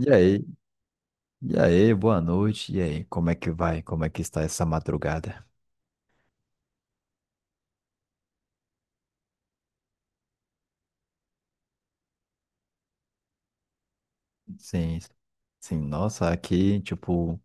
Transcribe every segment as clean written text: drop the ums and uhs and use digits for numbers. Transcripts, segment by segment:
E aí, boa noite, e aí, como é que vai? Como é que está essa madrugada? Sim, sim, nossa, aqui, tipo,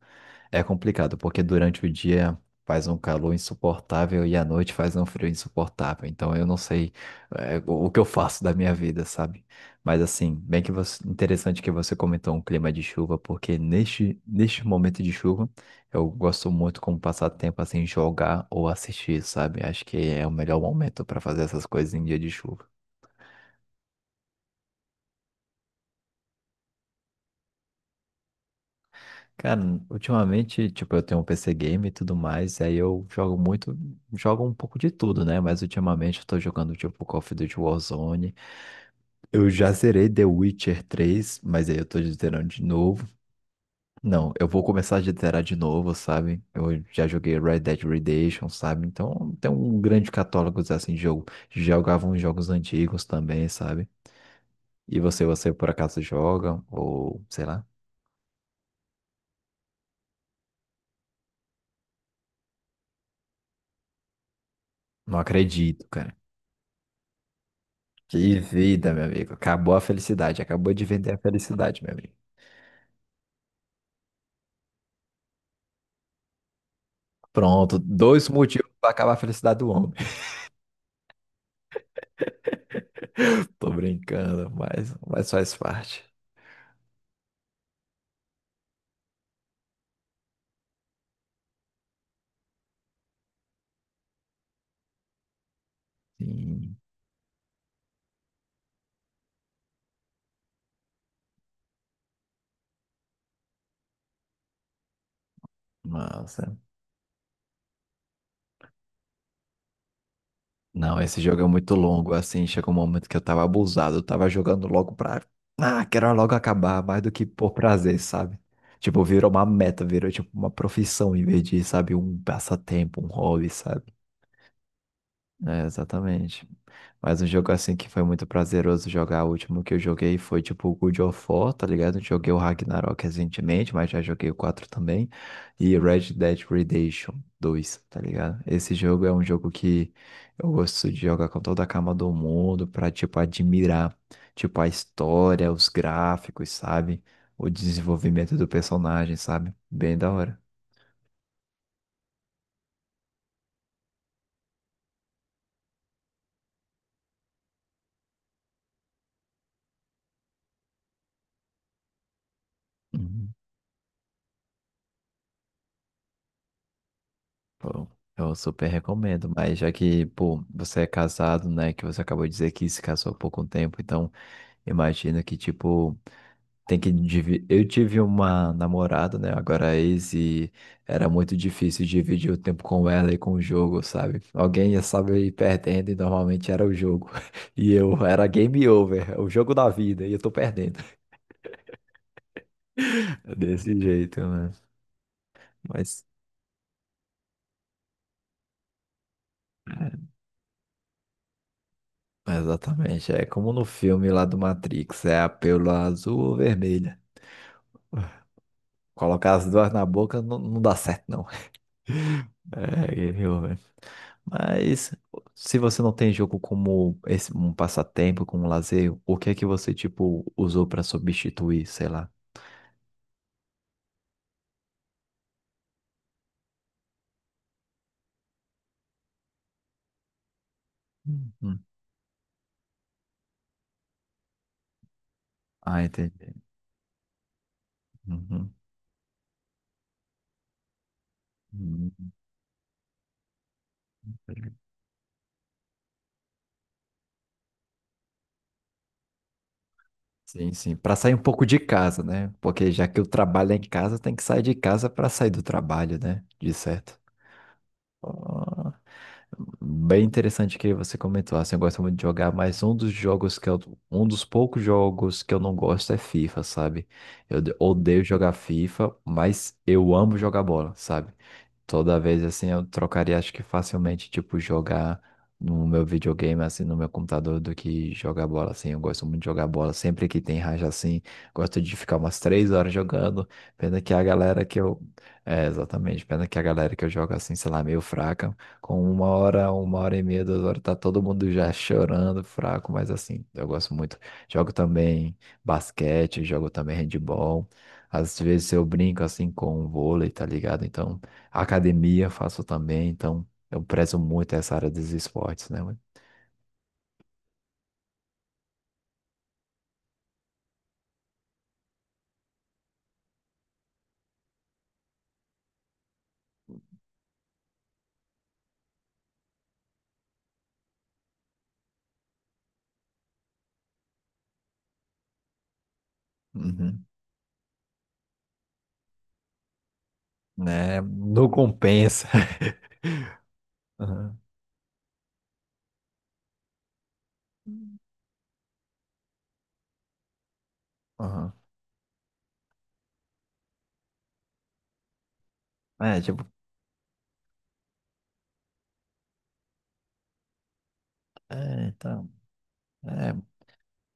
é complicado, porque durante o dia faz um calor insuportável e à noite faz um frio insuportável. Então eu não sei o que eu faço da minha vida, sabe? Mas assim, interessante que você comentou um clima de chuva, porque neste momento de chuva eu gosto muito como passar tempo assim jogar ou assistir, sabe? Acho que é o melhor momento para fazer essas coisas em dia de chuva. Cara, ultimamente, tipo, eu tenho um PC game e tudo mais, aí eu jogo muito, jogo um pouco de tudo, né? Mas ultimamente eu tô jogando, tipo, Call of Duty Warzone. Eu já zerei The Witcher três, mas aí eu tô zerando de novo. Não, eu vou começar a zerar de novo, sabe? Eu já joguei Red Dead Redemption, sabe? Então, tem um grande catálogo, assim, de jogo. Jogava uns jogos antigos também, sabe? E você, por acaso joga? Ou, sei lá? Não acredito. Que vida, meu amigo. Acabou a felicidade. Acabou de vender a felicidade, meu amigo. Pronto, dois motivos para acabar a felicidade do homem. Tô brincando, mas, faz parte. Sim, nossa. Não, esse jogo é muito longo, assim, chegou um momento que eu tava abusado, eu tava jogando logo pra... Ah, quero logo acabar, mais do que por prazer, sabe? Tipo, virou uma meta, virou tipo uma profissão em vez de, sabe, um passatempo, um hobby, sabe? É, exatamente. Mas um jogo assim que foi muito prazeroso jogar, o último que eu joguei foi tipo o God of War, tá ligado? Joguei o Ragnarok recentemente, mas já joguei o 4 também. E Red Dead Redemption dois, tá ligado? Esse jogo é um jogo que eu gosto de jogar com toda a calma do mundo pra, tipo, admirar, tipo, a história, os gráficos, sabe? O desenvolvimento do personagem, sabe? Bem da hora. Pô, eu super recomendo, mas já que, pô, você é casado, né, que você acabou de dizer que se casou há pouco tempo, então imagino que, tipo, tem que... dividir. Eu tive uma namorada, né, agora é ex, e era muito difícil dividir o tempo com ela e com o jogo, sabe? Alguém ia saber ir perdendo e normalmente era o jogo. E eu era game over, é o jogo da vida, e eu tô perdendo. Desse jeito, né? Mas... exatamente. É como no filme lá do Matrix, é a pílula azul ou vermelha. Colocar as duas na boca não, dá certo, não. É, eu, velho. Mas se você não tem jogo como esse, um passatempo, como um lazer, o que é que você, tipo, usou pra substituir, sei lá? Uhum. Ah, entendi. Uhum. Uhum. Sim, sim. Pra sair um pouco de casa, né? Porque já que o trabalho é em casa, tem que sair de casa pra sair do trabalho, né? De certo. Ah, bem interessante que você comentou, assim, eu gosto muito de jogar, mas um dos jogos que eu, um dos poucos jogos que eu não gosto é FIFA, sabe? Eu de- odeio jogar FIFA, mas eu amo jogar bola, sabe? Toda vez assim eu trocaria, acho que facilmente, tipo, jogar no meu videogame, assim, no meu computador, do que jogar bola, assim. Eu gosto muito de jogar bola. Sempre que tem raja, assim, gosto de ficar umas 3 horas jogando. Pena que a galera que eu. É, exatamente. Pena que a galera que eu jogo, assim, sei lá, meio fraca. Com 1 hora, 1 hora e meia, 2 horas, tá todo mundo já chorando, fraco, mas assim, eu gosto muito. Jogo também basquete, jogo também handball. Às vezes eu brinco, assim, com vôlei, tá ligado? Então. Academia faço também, então eu prezo muito essa área dos esportes, né, mano? Uhum. Né? Não compensa. Aham. Aham. É, tipo, é, então. é,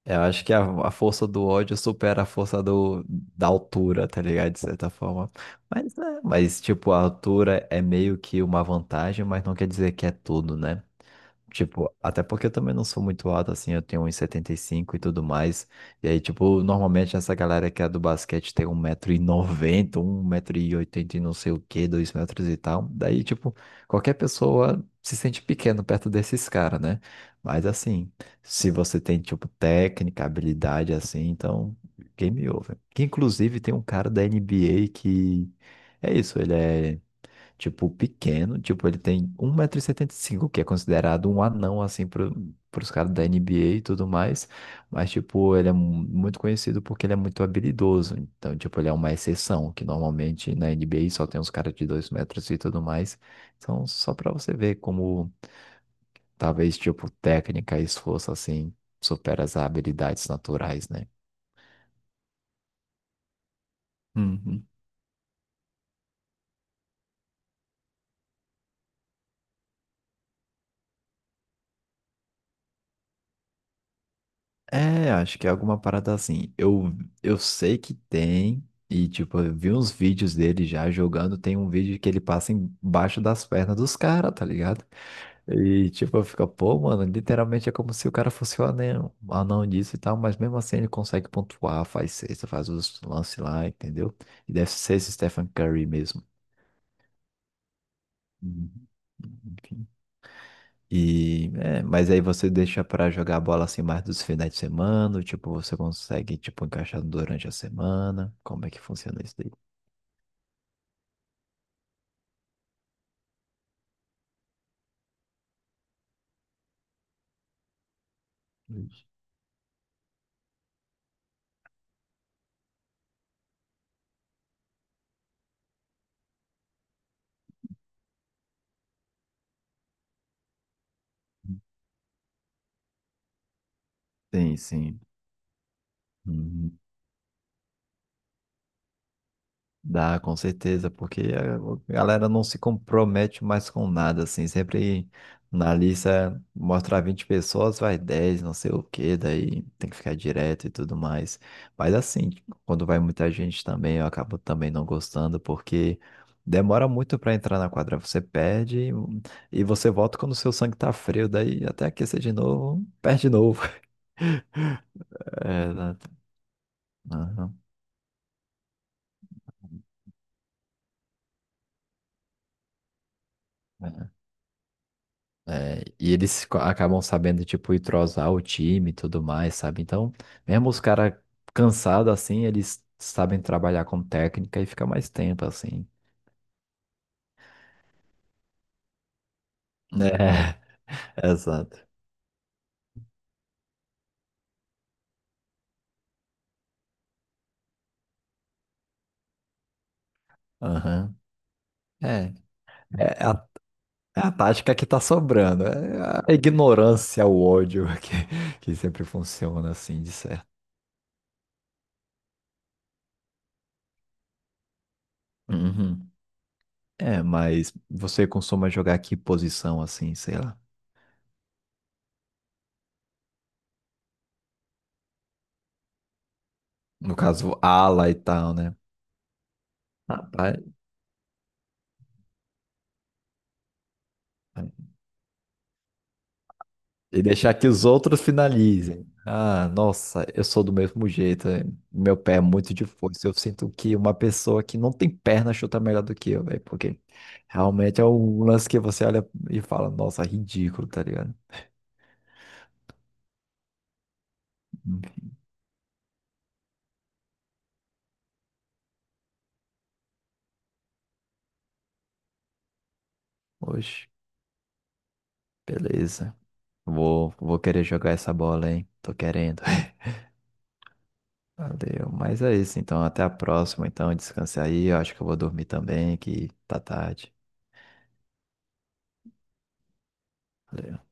é, eu acho que a força do ódio supera a força da altura, tá ligado? De certa forma. Mas, mas, tipo, a altura é meio que uma vantagem, mas não quer dizer que é tudo, né? Tipo, até porque eu também não sou muito alto, assim, eu tenho um e setenta e cinco e tudo mais. E aí, tipo, normalmente essa galera que é do basquete tem 1,90 m, 1,80 m e não sei o quê, 2 metros e tal. Daí, tipo, qualquer pessoa se sente pequeno perto desses caras, né? Mas assim. Se você tem, tipo, técnica, habilidade assim, então game over. Que inclusive tem um cara da NBA que é isso, ele é tipo pequeno, tipo, ele tem 1,75 m, que é considerado um anão assim pro, pros caras da NBA e tudo mais, mas tipo, ele é mu- muito conhecido porque ele é muito habilidoso. Então, tipo, ele é uma exceção, que normalmente na NBA só tem uns caras de 2 metros e tudo mais. Então, só pra você ver como talvez, tipo, técnica e esforço, assim, supera as habilidades naturais, né? Uhum. É, acho que é alguma parada assim. Eu, sei que tem, e tipo, eu vi uns vídeos dele já jogando. Tem um vídeo que ele passa embaixo das pernas dos caras, tá ligado? E tipo, eu fico, pô, mano, literalmente é como se o cara fosse o anão, anão disso e tal, mas mesmo assim ele consegue pontuar, faz cesta, faz os lances lá, entendeu? E deve ser esse Stephen Curry mesmo. Uhum. Enfim. Mas aí você deixa pra jogar a bola assim mais dos finais de semana, ou, tipo, você consegue tipo encaixar durante a semana. Como é que funciona isso daí? Tem, sim. Uhum. Dá, com certeza, porque a galera não se compromete mais com nada, assim, sempre na lista mostrar 20 pessoas, vai 10 não sei o quê, daí tem que ficar direto e tudo mais. Mas assim, quando vai muita gente também, eu acabo também não gostando, porque demora muito para entrar na quadra, você perde e você volta quando o seu sangue tá frio, daí até aquecer de novo, perde de novo. É, exato. Aham. É, e eles co- acabam sabendo, tipo, entrosar o time e tudo mais, sabe? Então, mesmo os caras cansados, assim, eles sabem trabalhar com técnica e fica mais tempo, assim. É, exato. Aham. É, é é a tática que tá sobrando. É a ignorância, o ódio que sempre funciona, assim, de certo. Uhum. É, mas você costuma jogar que posição, assim, sei lá. No caso, ala e tal, né? Rapaz. E deixar que os outros finalizem. Ah, nossa, eu sou do mesmo jeito. Meu pé é muito de força. Eu sinto que uma pessoa que não tem perna chuta melhor do que eu, velho. Porque realmente é um lance que você olha e fala, nossa, ridículo, tá ligado? Enfim, oxe, beleza. Vou, querer jogar essa bola, hein? Tô querendo. Valeu. Mas é isso, então. Até a próxima. Então, descanse aí. Eu acho que eu vou dormir também, que tá tarde. Valeu.